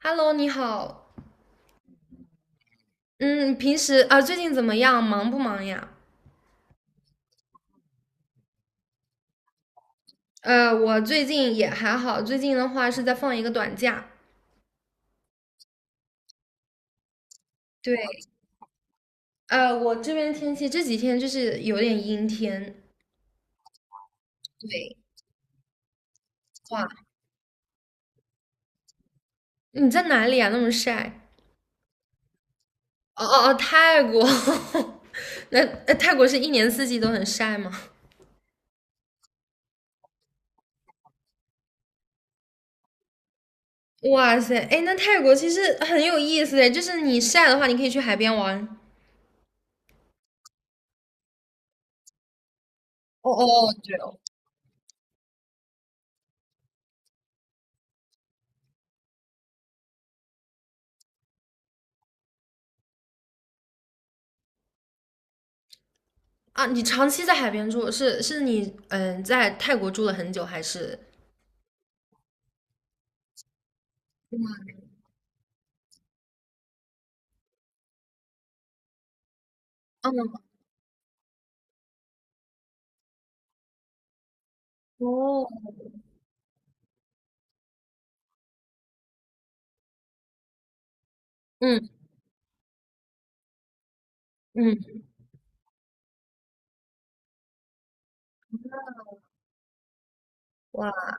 Hello，你好。嗯，平时啊，最近怎么样？忙不忙呀？我最近也还好，最近的话是在放一个短假。对，我这边天气这几天就是有点阴天。对，哇，你在哪里啊？那么晒？哦哦哦，泰国。那泰国是一年四季都很晒吗？哇塞，哎，那泰国其实很有意思哎，就是你晒的话，你可以去海边玩。哦哦，哦，对哦。啊，你长期在海边住，是你在泰国住了很久，还是？嗯，哦，嗯嗯，哇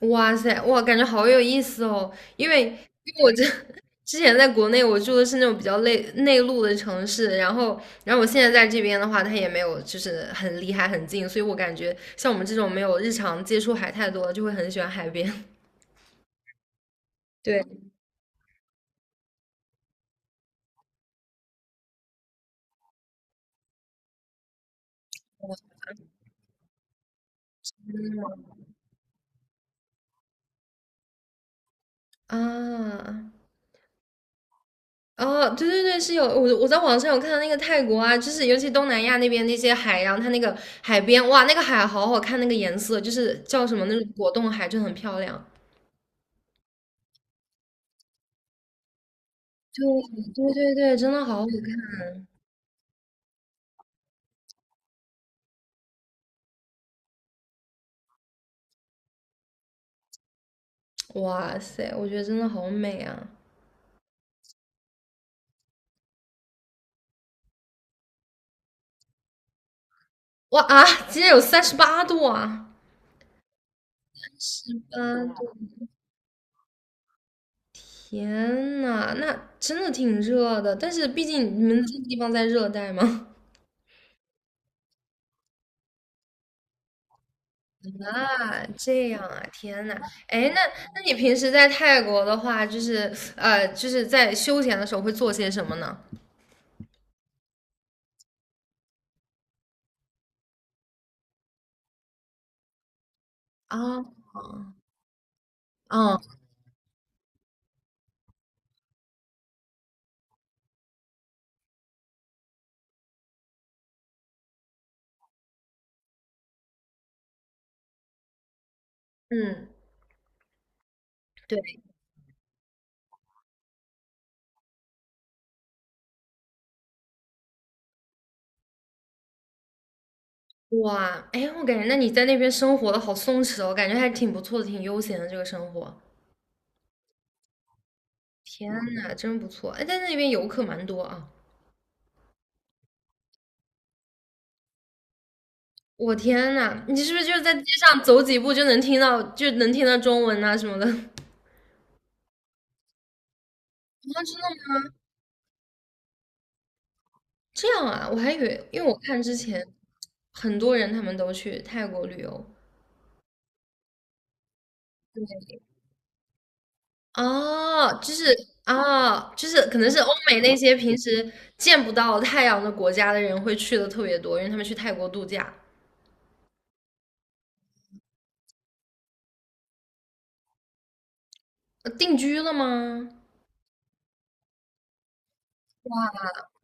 哇塞，哇，感觉好有意思哦！因为因为我这 之前在国内我住的是那种比较内陆的城市，然后我现在在这边的话，它也没有就是很离海很近，所以我感觉像我们这种没有日常接触海太多的，就会很喜欢海边。对啊，哦，对对对，是有我在网上有看到那个泰国啊，就是尤其东南亚那边那些海洋，它那个海边哇，那个海好好看，那个颜色就是叫什么那种果冻海，就很漂亮。对对对，真的好好看，哇塞，我觉得真的好美啊！哇啊，今天有38度啊！嗯，天呐，那真的挺热的，但是毕竟你们这个地方在热带嘛。啊，这样啊，天呐，哎，那你平时在泰国的话，就是就是在休闲的时候会做些什么呢？啊，嗯嗯，对，哇，哎，我感觉那你在那边生活的好松弛哦，感觉还挺不错的，挺悠闲的这个生活。天呐，真不错！哎，在那边游客蛮多啊。我天呐，你是不是就是在街上走几步就能听到，就能听到中文啊什么的？啊，真的吗？这样啊，我还以为，因为我看之前很多人他们都去泰国旅游，哦，就是啊，就是可能是欧美那些平时见不到太阳的国家的人会去的特别多，因为他们去泰国度假，定居了吗？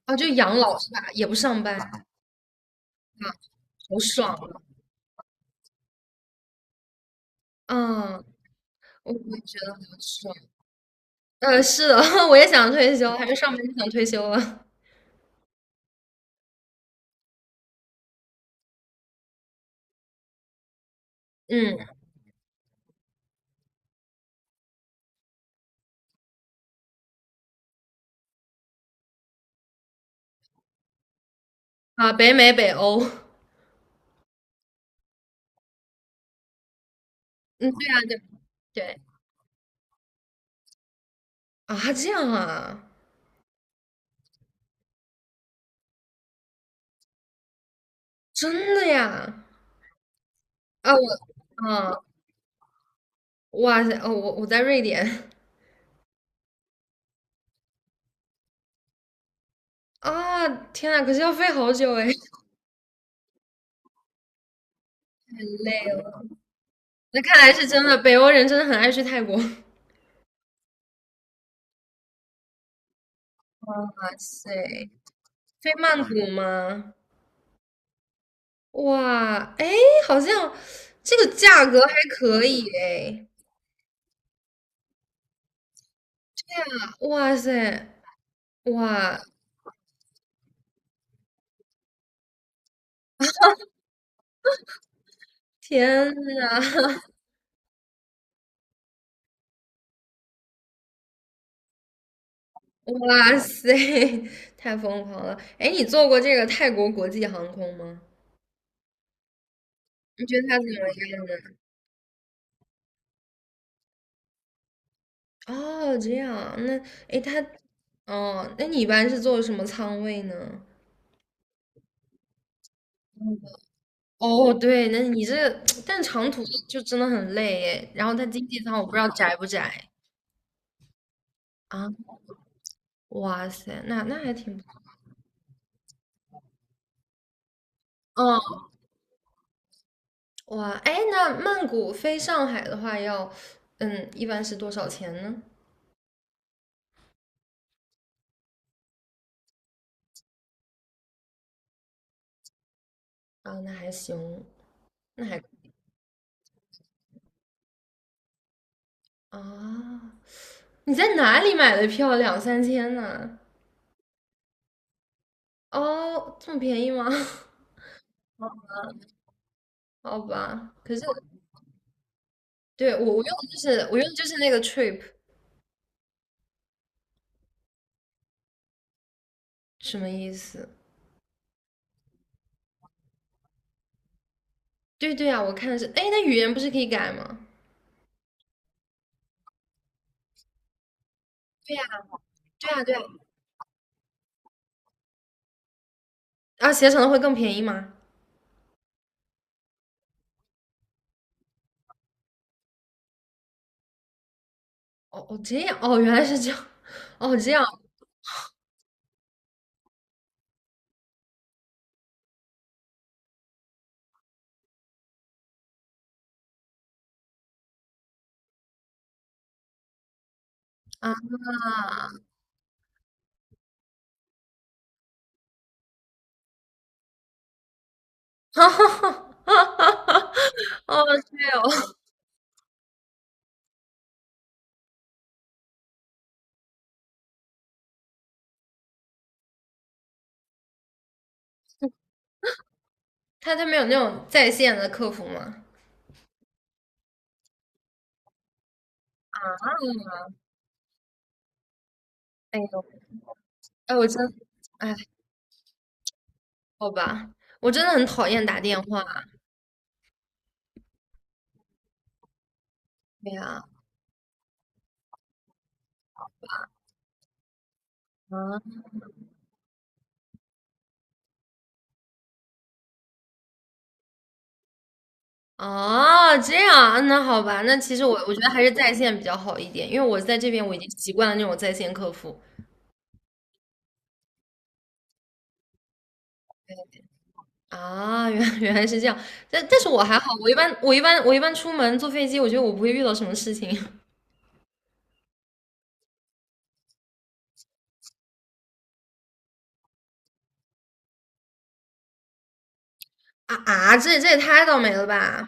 啊，就养老是吧？也不上班，好爽啊！嗯，我也觉得好爽。是的，我也想退休，还没上班就想退休了。嗯，啊，北美、北欧，嗯，对啊，对对啊，这样啊。真的呀？啊，我啊，哇塞，哦，我在瑞典啊，天呐，可是要飞好久哎，太累了。那看来是真的，北欧人真的很爱去泰国。哇塞，飞曼谷吗？哇，哎，好像这个价格还可以哎。对啊，哇塞，哇，天呐，哇塞，太疯狂了！哎，你坐过这个泰国国际航空吗？你觉得它怎么样呢？哦，这样，那诶，他，哦，那你一般是坐什么仓位呢？哦，对，那你这 但长途就真的很累诶。然后他经济舱我不知道窄不窄啊？哇塞，那还挺不错嗯，哇，诶，那曼谷飞上海的话要，嗯，一般是多少钱呢？啊，那还行，那还啊，你在哪里买的票？两三千呢？哦，这么便宜吗？好吧，可是。对，我用的就是那个 trip，什么意思？对对啊，我看的是，哎，那语言不是可以改吗？对呀，对呀，对呀，啊，携程的会更便宜吗？哦哦，这样，哦，原来是这样，哦，这样啊，哈哈哈哈哈，哦，对哦，他没有那种在线的客服吗？啊，哎呦，哎，我真，哎，好吧，我真的很讨厌打电话，对呀，啊，哦，这样啊，那好吧，那其实我觉得还是在线比较好一点，因为我在这边我已经习惯了那种在线客服啊，原来是这样，但是我还好，我一般出门坐飞机，我觉得我不会遇到什么事情 啊啊，这也太倒霉了吧，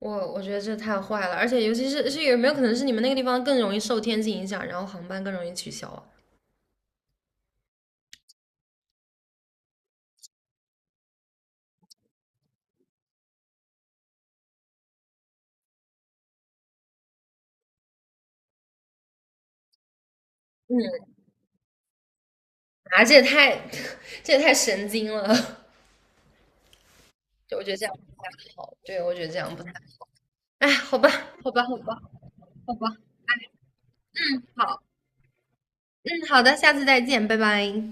我觉得这太坏了，而且尤其是有没有可能是你们那个地方更容易受天气影响，然后航班更容易取消啊？啊，这也太 这也太神经了，就我觉得这样不太好，对，我觉得这样不太，哎，好吧，好吧，好吧，好吧。好。嗯，好的，下次再见，拜拜。